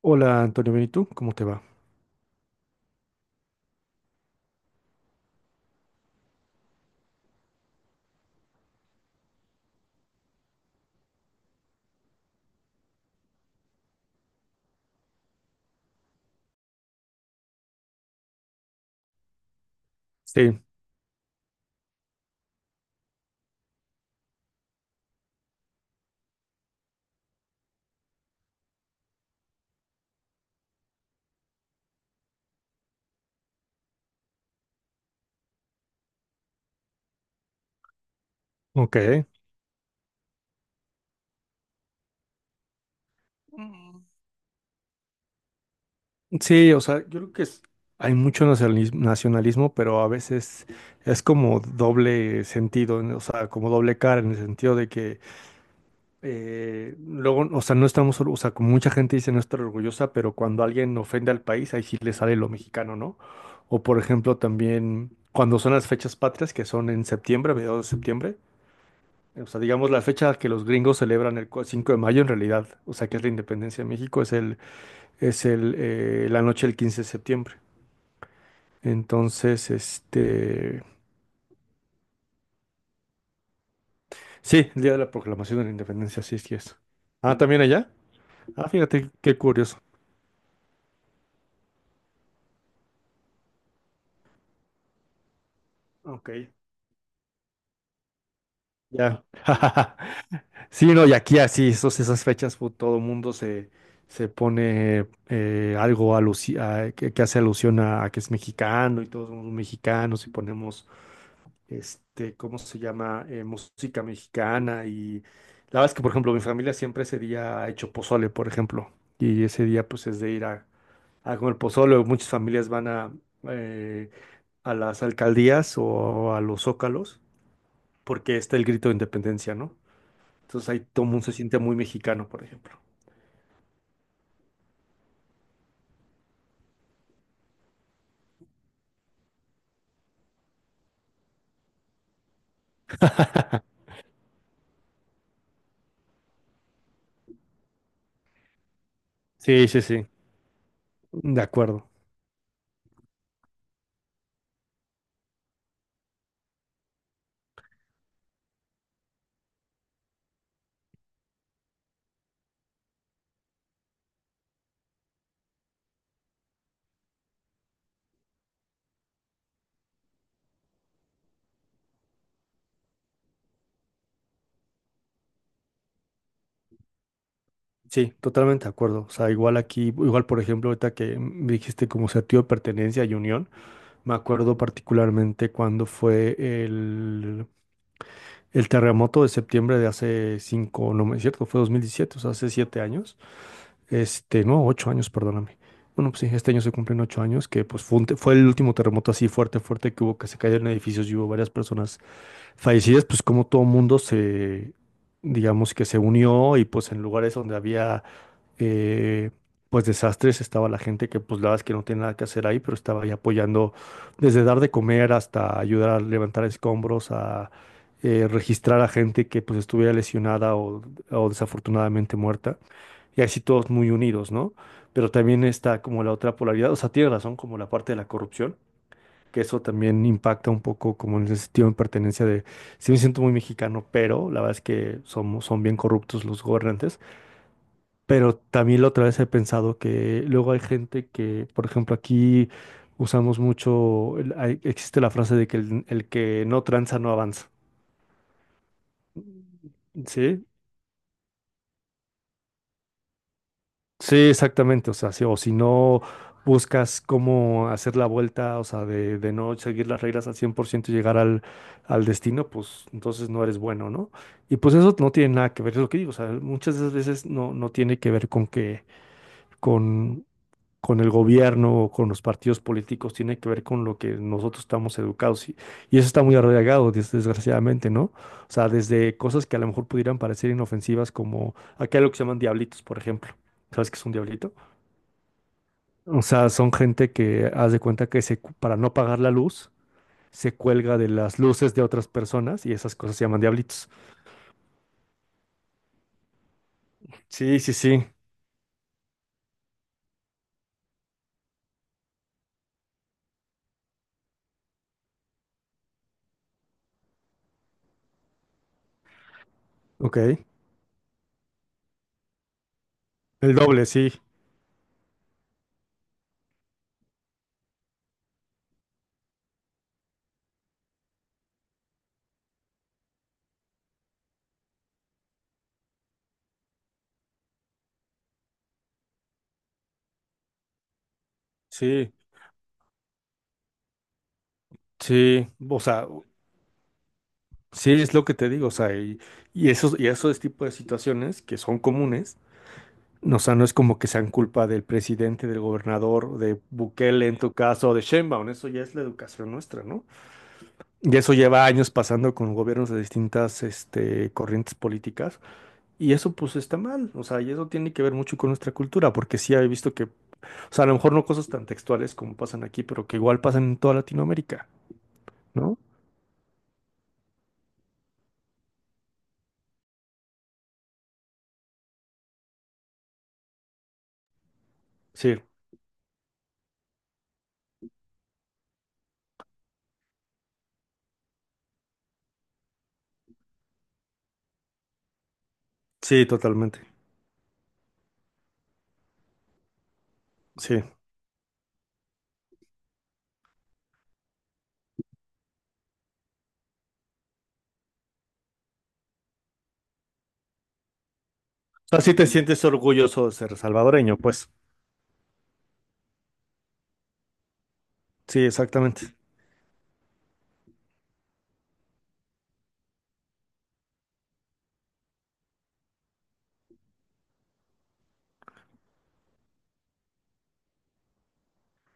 Hola Antonio, bien, ¿y tú? ¿Cómo te va? Sí, ok. Sí, o sea, yo creo que hay mucho nacionalismo, pero a veces es como doble sentido, ¿no? O sea, como doble cara en el sentido de que luego, o sea, no estamos, o sea, como mucha gente dice no estar orgullosa, pero cuando alguien ofende al país, ahí sí le sale lo mexicano, ¿no? O por ejemplo, también cuando son las fechas patrias, que son en septiembre, mediados de septiembre. O sea, digamos, la fecha que los gringos celebran el 5 de mayo en realidad, o sea, que es la independencia de México, es el, la noche del 15 de septiembre. Entonces, este, sí, el día de la proclamación de la independencia, sí, sí es. Ah, ¿también allá? Ah, fíjate, qué curioso. Ok, ya. Sí, no, y aquí así, esas fechas, todo mundo se, se pone algo que hace alusión a que es mexicano y todos somos mexicanos y ponemos este, ¿cómo se llama? Música mexicana, y la verdad es que, por ejemplo, mi familia siempre ese día ha hecho pozole, por ejemplo, y ese día pues es de ir a comer pozole, o muchas familias van eh, a las alcaldías o a los zócalos, porque está el grito de independencia, ¿no? Entonces ahí todo el mundo se siente muy mexicano, por ejemplo. Sí, sí, sí. De acuerdo. Sí, totalmente de acuerdo. O sea, igual aquí, igual por ejemplo, ahorita que me dijiste como sentido de pertenencia y unión, me acuerdo particularmente cuando fue el, el terremoto de septiembre de hace cinco, no es cierto, fue 2017, o sea, hace 7 años. Este, no, 8 años, perdóname. Bueno, pues sí, este año se cumplen 8 años, que pues fue el último terremoto así fuerte, fuerte que hubo, que se cayeron edificios y hubo varias personas fallecidas, pues como todo mundo digamos que se unió, y pues en lugares donde había eh, pues desastres, estaba la gente que pues la verdad es que no tiene nada que hacer ahí, pero estaba ahí apoyando desde dar de comer hasta ayudar a levantar escombros, a registrar a gente que pues estuviera lesionada o desafortunadamente muerta, y así todos muy unidos, ¿no? Pero también está como la otra polaridad, o sea, tiene razón como la parte de la corrupción, que eso también impacta un poco como en el sentido de pertenencia de, sí me siento muy mexicano, pero la verdad es que son bien corruptos los gobernantes, pero también la otra vez he pensado que luego hay gente que, por ejemplo, aquí usamos mucho, existe la frase de que el que no tranza no avanza. ¿Sí? Sí, exactamente. O sea, o si no buscas cómo hacer la vuelta, o sea, de no seguir las reglas al 100% y llegar al destino, pues entonces no eres bueno, ¿no? Y pues eso no tiene nada que ver, es lo que digo. O sea, muchas de esas veces no tiene que ver con que, con con el gobierno o con los partidos políticos, tiene que ver con lo que nosotros estamos educados. Y eso está muy arraigado, desgraciadamente, ¿no? O sea, desde cosas que a lo mejor pudieran parecer inofensivas, como acá hay lo que se llaman diablitos, por ejemplo. ¿Sabes qué es un diablito? O sea, son gente que haz de cuenta que para no pagar la luz, se cuelga de las luces de otras personas, y esas cosas se llaman diablitos. Sí, sí, sí. Ok. El doble, sí. Sí, sí. O sea, sí, es lo que te digo, o sea, y esos tipos de situaciones que son comunes, no, o sea, no es como que sean culpa del presidente, del gobernador, de Bukele en tu caso, o de Sheinbaum, eso ya es la educación nuestra, ¿no? Y eso lleva años pasando con gobiernos de distintas, este, corrientes políticas, y eso pues está mal, o sea, y eso tiene que ver mucho con nuestra cultura, porque sí he visto que, o sea, a lo mejor no cosas tan textuales como pasan aquí, pero que igual pasan en toda Latinoamérica, ¿no? Sí, sí, totalmente, sí. Sea, sí te sientes orgulloso de ser salvadoreño, pues. Sí, exactamente.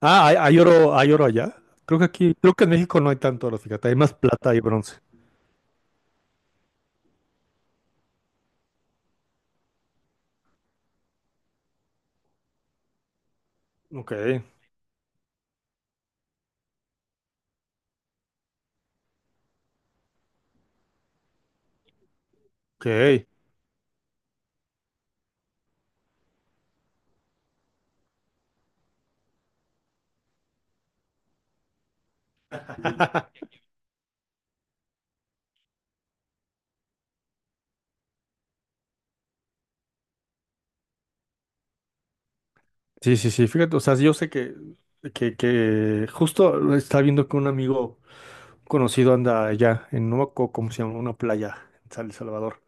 Ah, hay oro, hay oro allá. Creo que aquí, creo que en México no hay tanto oro, fíjate, hay más plata y bronce. Ok, ok. Sí, sí, sí, fíjate, o sea, yo sé que, justo está viendo que un amigo conocido anda allá en Nuevo, ¿cómo se llama? Una playa en San Salvador.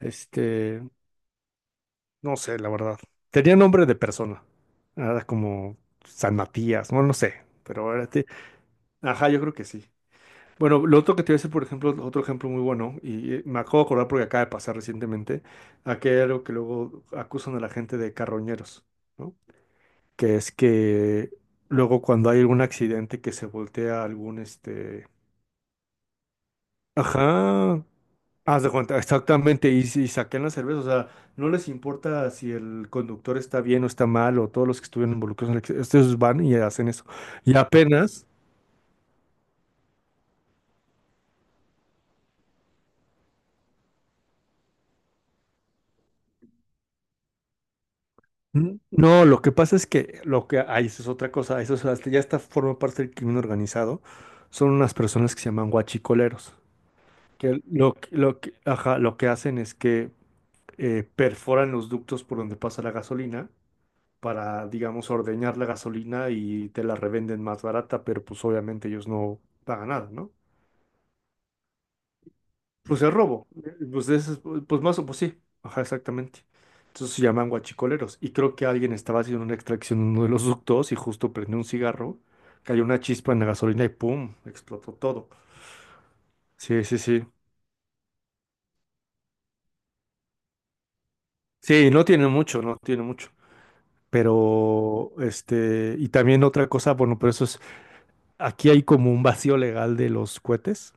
Este, no sé, la verdad. Tenía nombre de persona. Era como San Matías, no, no sé, pero era... Ajá, yo creo que sí. Bueno, lo otro que te voy a decir, por ejemplo, otro ejemplo muy bueno, y me acabo de acordar porque acaba de pasar recientemente aquí, que luego acusan a la gente de carroñeros, ¿no? Que es que luego cuando hay algún accidente que se voltea algún, este... Ajá, haz de cuenta, exactamente, y si saquean la cerveza, o sea, no les importa si el conductor está bien o está mal, o todos los que estuvieron involucrados en el accidente, estos van y hacen eso. Y apenas... No, lo que pasa es que lo que ahí eso es otra cosa, eso es ya está forma parte del crimen organizado. Son unas personas que se llaman guachicoleros, lo que, ajá, lo que hacen es que perforan los ductos por donde pasa la gasolina para, digamos, ordeñar la gasolina y te la revenden más barata, pero pues obviamente ellos no pagan nada, ¿no? Pues el robo, pues, es, pues más o pues sí, ajá, exactamente. Entonces se llaman guachicoleros. Y creo que alguien estaba haciendo una extracción en uno de los ductos y justo prendió un cigarro, cayó una chispa en la gasolina y ¡pum! Explotó todo. Sí, sí, sí. Sí, no tiene mucho, no tiene mucho. Pero, este, y también otra cosa, bueno, pero eso es, aquí hay como un vacío legal de los cohetes.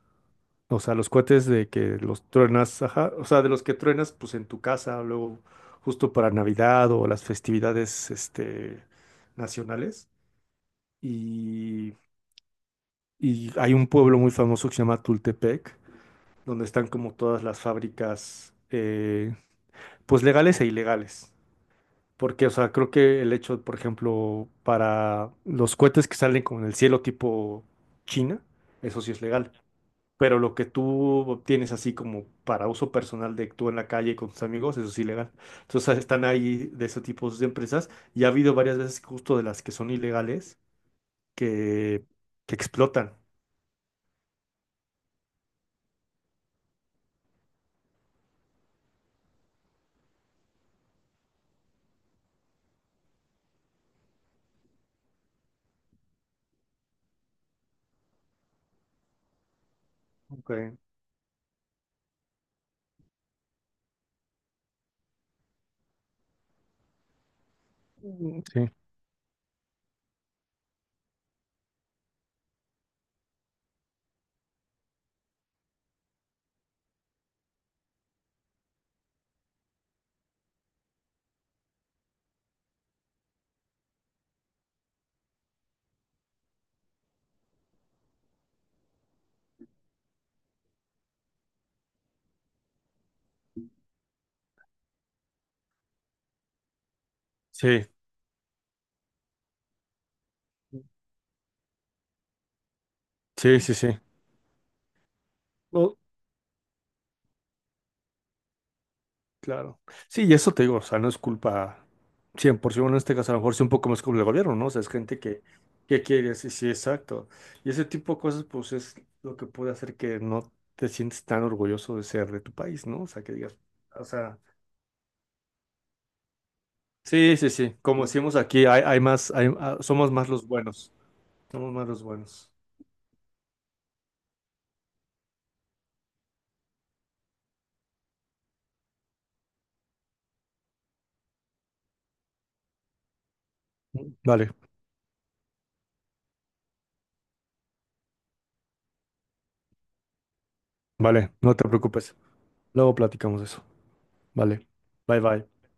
O sea, los cohetes de que los truenas, ajá, o sea, de los que truenas, pues en tu casa, luego justo para Navidad o las festividades, este, nacionales. Y, y hay un pueblo muy famoso que se llama Tultepec, donde están como todas las fábricas, pues legales e ilegales. Porque, o sea, creo que el hecho, por ejemplo, para los cohetes que salen como en el cielo tipo China, eso sí es legal, pero lo que tú obtienes así como para uso personal de tú en la calle con tus amigos, eso es ilegal. Entonces están ahí de esos tipos de empresas y ha habido varias veces justo de las que son ilegales que, que explotan. Ok. Mm, sí, sí, sí, sí, sí. O, claro. Sí, y eso te digo, o sea, no es culpa 100%, en este caso a lo mejor sí un poco más como el gobierno, ¿no? O sea, es gente que quiere, sí, sí, exacto. Y ese tipo de cosas, pues es lo que puede hacer que no te sientes tan orgulloso de ser de tu país, ¿no? O sea, que digas, o sea, sí, sí, sí, como decimos aquí, hay más, somos más los buenos, somos más los buenos. Vale, vale, no te preocupes. Luego platicamos de eso. Vale, bye bye.